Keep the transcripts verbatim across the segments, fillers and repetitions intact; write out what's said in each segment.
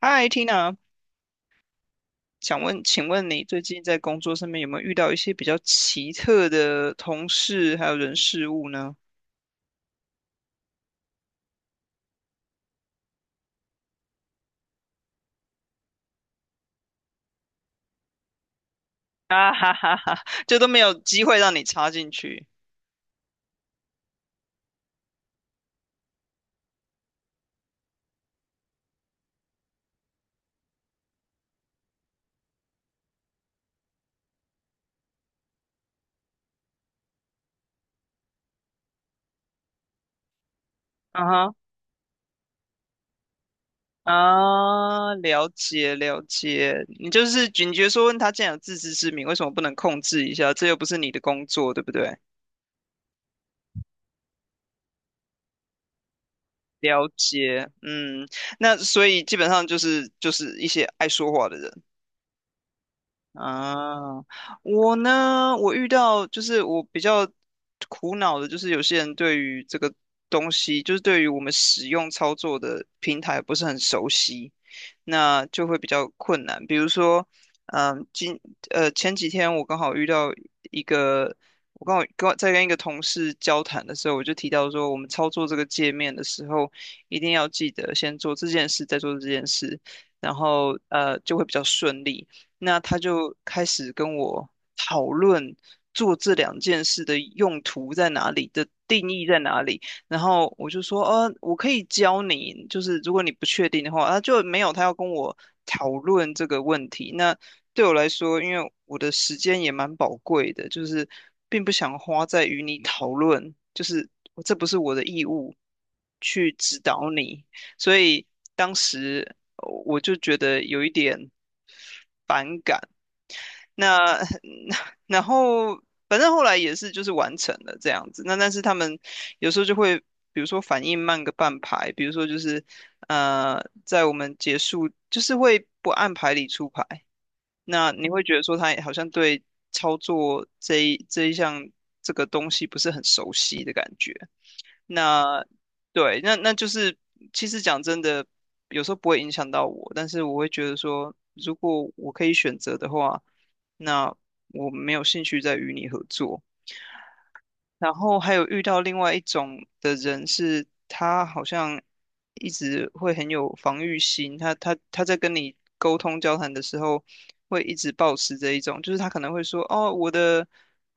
嗨，Tina，想问，请问你最近在工作上面有没有遇到一些比较奇特的同事还有人事物呢？啊哈哈哈，就都没有机会让你插进去。啊哈，啊，了解了解，你就是警觉说问他既然有自知之明，为什么不能控制一下？这又不是你的工作，对不对？了解，嗯，那所以基本上就是就是一些爱说话的人。啊，我呢，我遇到就是我比较苦恼的，就是有些人对于这个东西，就是对于我们使用操作的平台不是很熟悉，那就会比较困难。比如说，嗯，今呃前几天我刚好遇到一个，我刚好刚在跟一个同事交谈的时候，我就提到说，我们操作这个界面的时候，一定要记得先做这件事，再做这件事。然后呃就会比较顺利，那他就开始跟我讨论做这两件事的用途在哪里的定义在哪里。然后我就说，呃，我可以教你，就是如果你不确定的话，他就没有他要跟我讨论这个问题。那对我来说，因为我的时间也蛮宝贵的，就是并不想花在与你讨论，就是这不是我的义务去指导你，所以当时呃我就觉得有一点。那 那然后反正后来也是就是完成了这样子。那但是他们有时候就会，比如说反应慢个半拍，比如说就是呃，在我们结束就是会不按牌理出牌。那你会觉得说他好像对操作这一这一项这个东西不是很熟悉的感觉。那对，那那就是其实讲真的，有时候不会影响到我，但是我会觉得说，如果我可以选择的话，那我没有兴趣再与你合作。然后还有遇到另外一种的人是，他好像一直会很有防御心，他他他在跟你沟通交谈的时候，会一直保持着一种，就是他可能会说，哦，我的，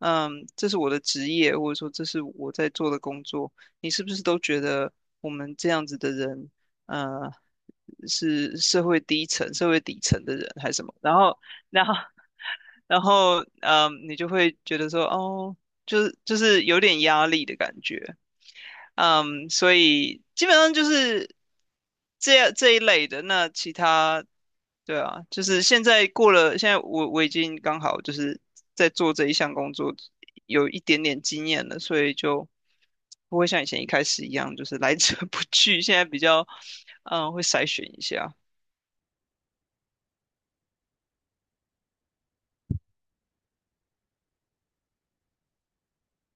嗯，这是我的职业，或者说这是我在做的工作，你是不是都觉得我们这样子的人，呃，是社会低层、社会底层的人还是什么？然后，然后。然后，嗯，你就会觉得说，哦，就是就是有点压力的感觉。嗯，所以基本上就是这这一类的。那其他，对啊，就是现在过了，现在我我已经刚好就是在做这一项工作，有一点点经验了，所以就不会像以前一开始一样，就是来者 不拒。现在比较，嗯，会筛选一下。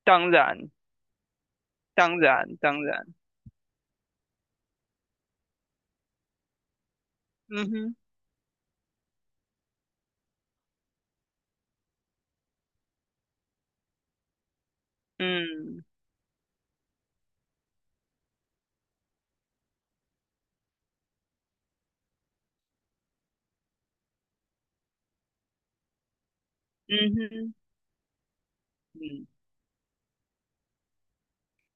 当然，当然，当然，嗯哼，嗯，嗯哼，嗯。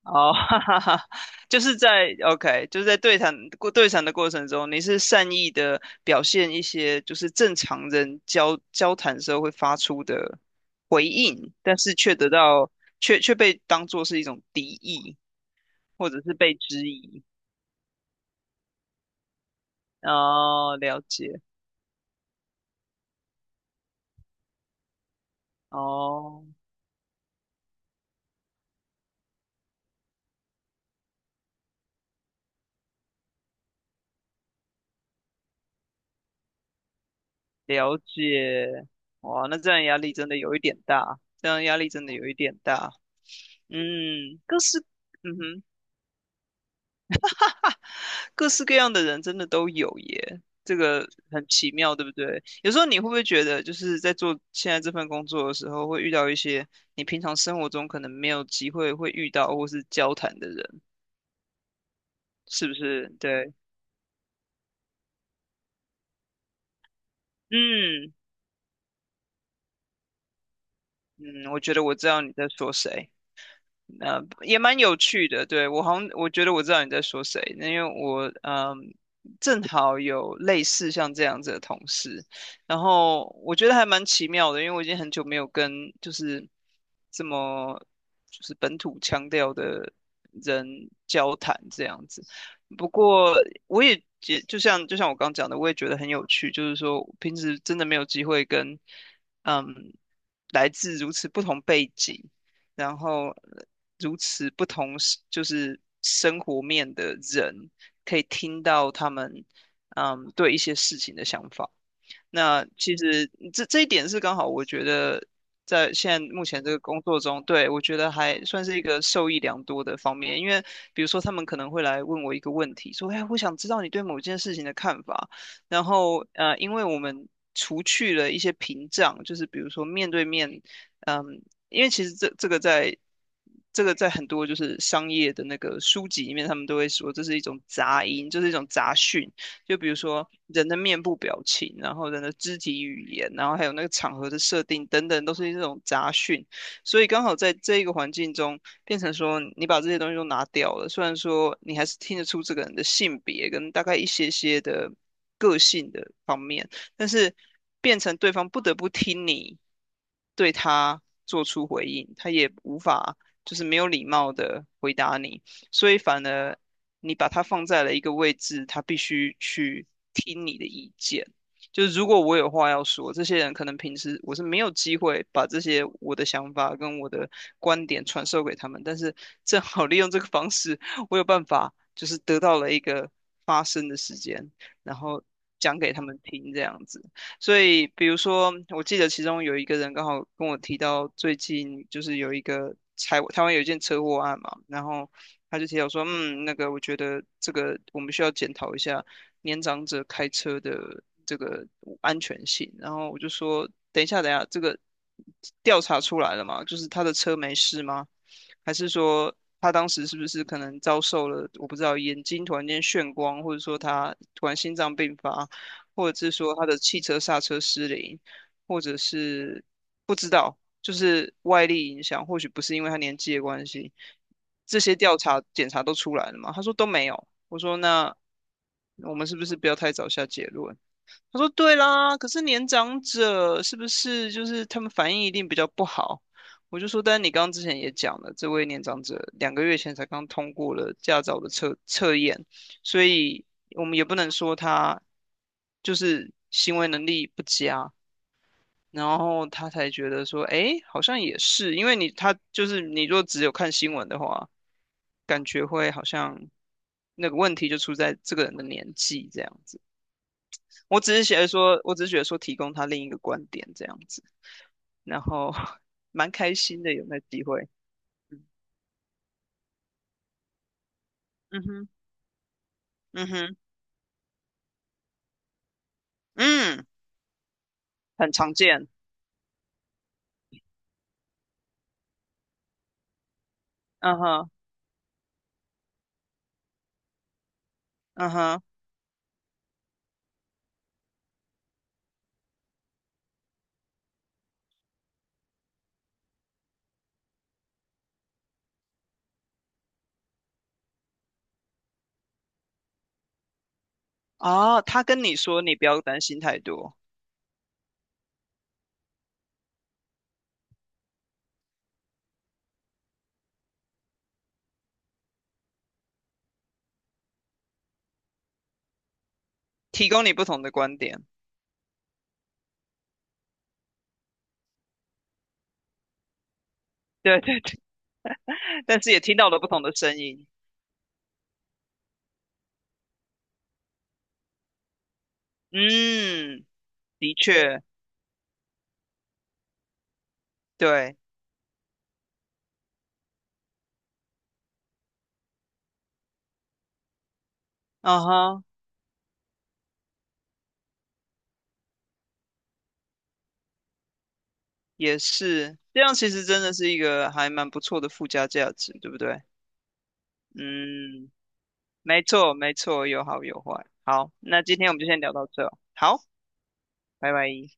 哦，哈哈哈，就是在 OK，就是在对谈过对谈的过程中，你是善意的表现一些就是正常人交交谈时候会发出的回应，但是却得到却却被当作是一种敌意，或者是被质疑。哦，了解，哦，了解，哇，那这样压力真的有一点大，这样压力真的有一点大。嗯，可是，嗯哼。各式各样的人真的都有耶，这个很奇妙，对不对？有时候你会不会觉得，就是在做现在这份工作的时候，会遇到一些你平常生活中可能没有机会会遇到或是交谈的人，是不是？对，嗯嗯，我觉得我知道你在说谁。呃，也蛮有趣的。对，我好像我觉得我知道你在说谁，那因为我嗯，正好有类似像这样子的同事，然后我觉得还蛮奇妙的，因为我已经很久没有跟就是这么就是本土腔调的人交谈这样子。不过我也觉就像就像我刚讲的，我也觉得很有趣，就是说平时真的没有机会跟嗯来自如此不同背景。然后如此不同是就是生活面的人，可以听到他们嗯对一些事情的想法。那其实这这一点是刚好，我觉得在现在目前这个工作中，对，我觉得还算是一个受益良多的方面。因为比如说，他们可能会来问我一个问题，说："哎，我想知道你对某件事情的看法。"然后呃，因为我们除去了一些屏障，就是比如说面对面，嗯，因为其实这这个在。这个在很多就是商业的那个书籍里面，他们都会说这是一种杂音，就是一种杂讯。就比如说人的面部表情，然后人的肢体语言，然后还有那个场合的设定等等，都是这种杂讯。所以刚好在这一个环境中，变成说你把这些东西都拿掉了，虽然说你还是听得出这个人的性别跟大概一些些的个性的方面，但是变成对方不得不听你对他做出回应，他也无法就是没有礼貌的回答你，所以反而你把它放在了一个位置，他必须去听你的意见。就是如果我有话要说，这些人可能平时我是没有机会把这些我的想法跟我的观点传授给他们，但是正好利用这个方式，我有办法就是得到了一个发声的时间，然后讲给他们听这样子。所以，比如说，我记得其中有一个人刚好跟我提到，最近就是有一个台台湾有一件车祸案嘛，然后他就提到说，嗯，那个我觉得这个我们需要检讨一下年长者开车的这个安全性。然后我就说，等一下，等一下，这个调查出来了吗？就是他的车没事吗？还是说他当时是不是可能遭受了我不知道眼睛突然间眩光，或者说他突然心脏病发，或者是说他的汽车刹车失灵，或者是不知道，就是外力影响，或许不是因为他年纪的关系，这些调查检查都出来了嘛？他说都没有。我说那我们是不是不要太早下结论？他说对啦，可是年长者是不是就是他们反应一定比较不好？我就说，但你刚刚之前也讲了，这位年长者两个月前才刚通过了驾照的测测验，所以我们也不能说他就是行为能力不佳，然后他才觉得说，诶，好像也是，因为你他就是你若只有看新闻的话，感觉会好像那个问题就出在这个人的年纪这样子。我只是觉得说，我只是觉得说提供他另一个观点这样子，然后 蛮开心的有那机会。嗯嗯哼，嗯哼，嗯，很常见。嗯哼，嗯哼，哦，他跟你说你不要担心太多，提供你不同的观点。对 对对，但是也听到了不同的声音。嗯，的确，对，嗯哼，也是，这样其实真的是一个还蛮不错的附加价值，对不对？嗯。没错，没错，有好有坏。好，那今天我们就先聊到这。好，拜拜。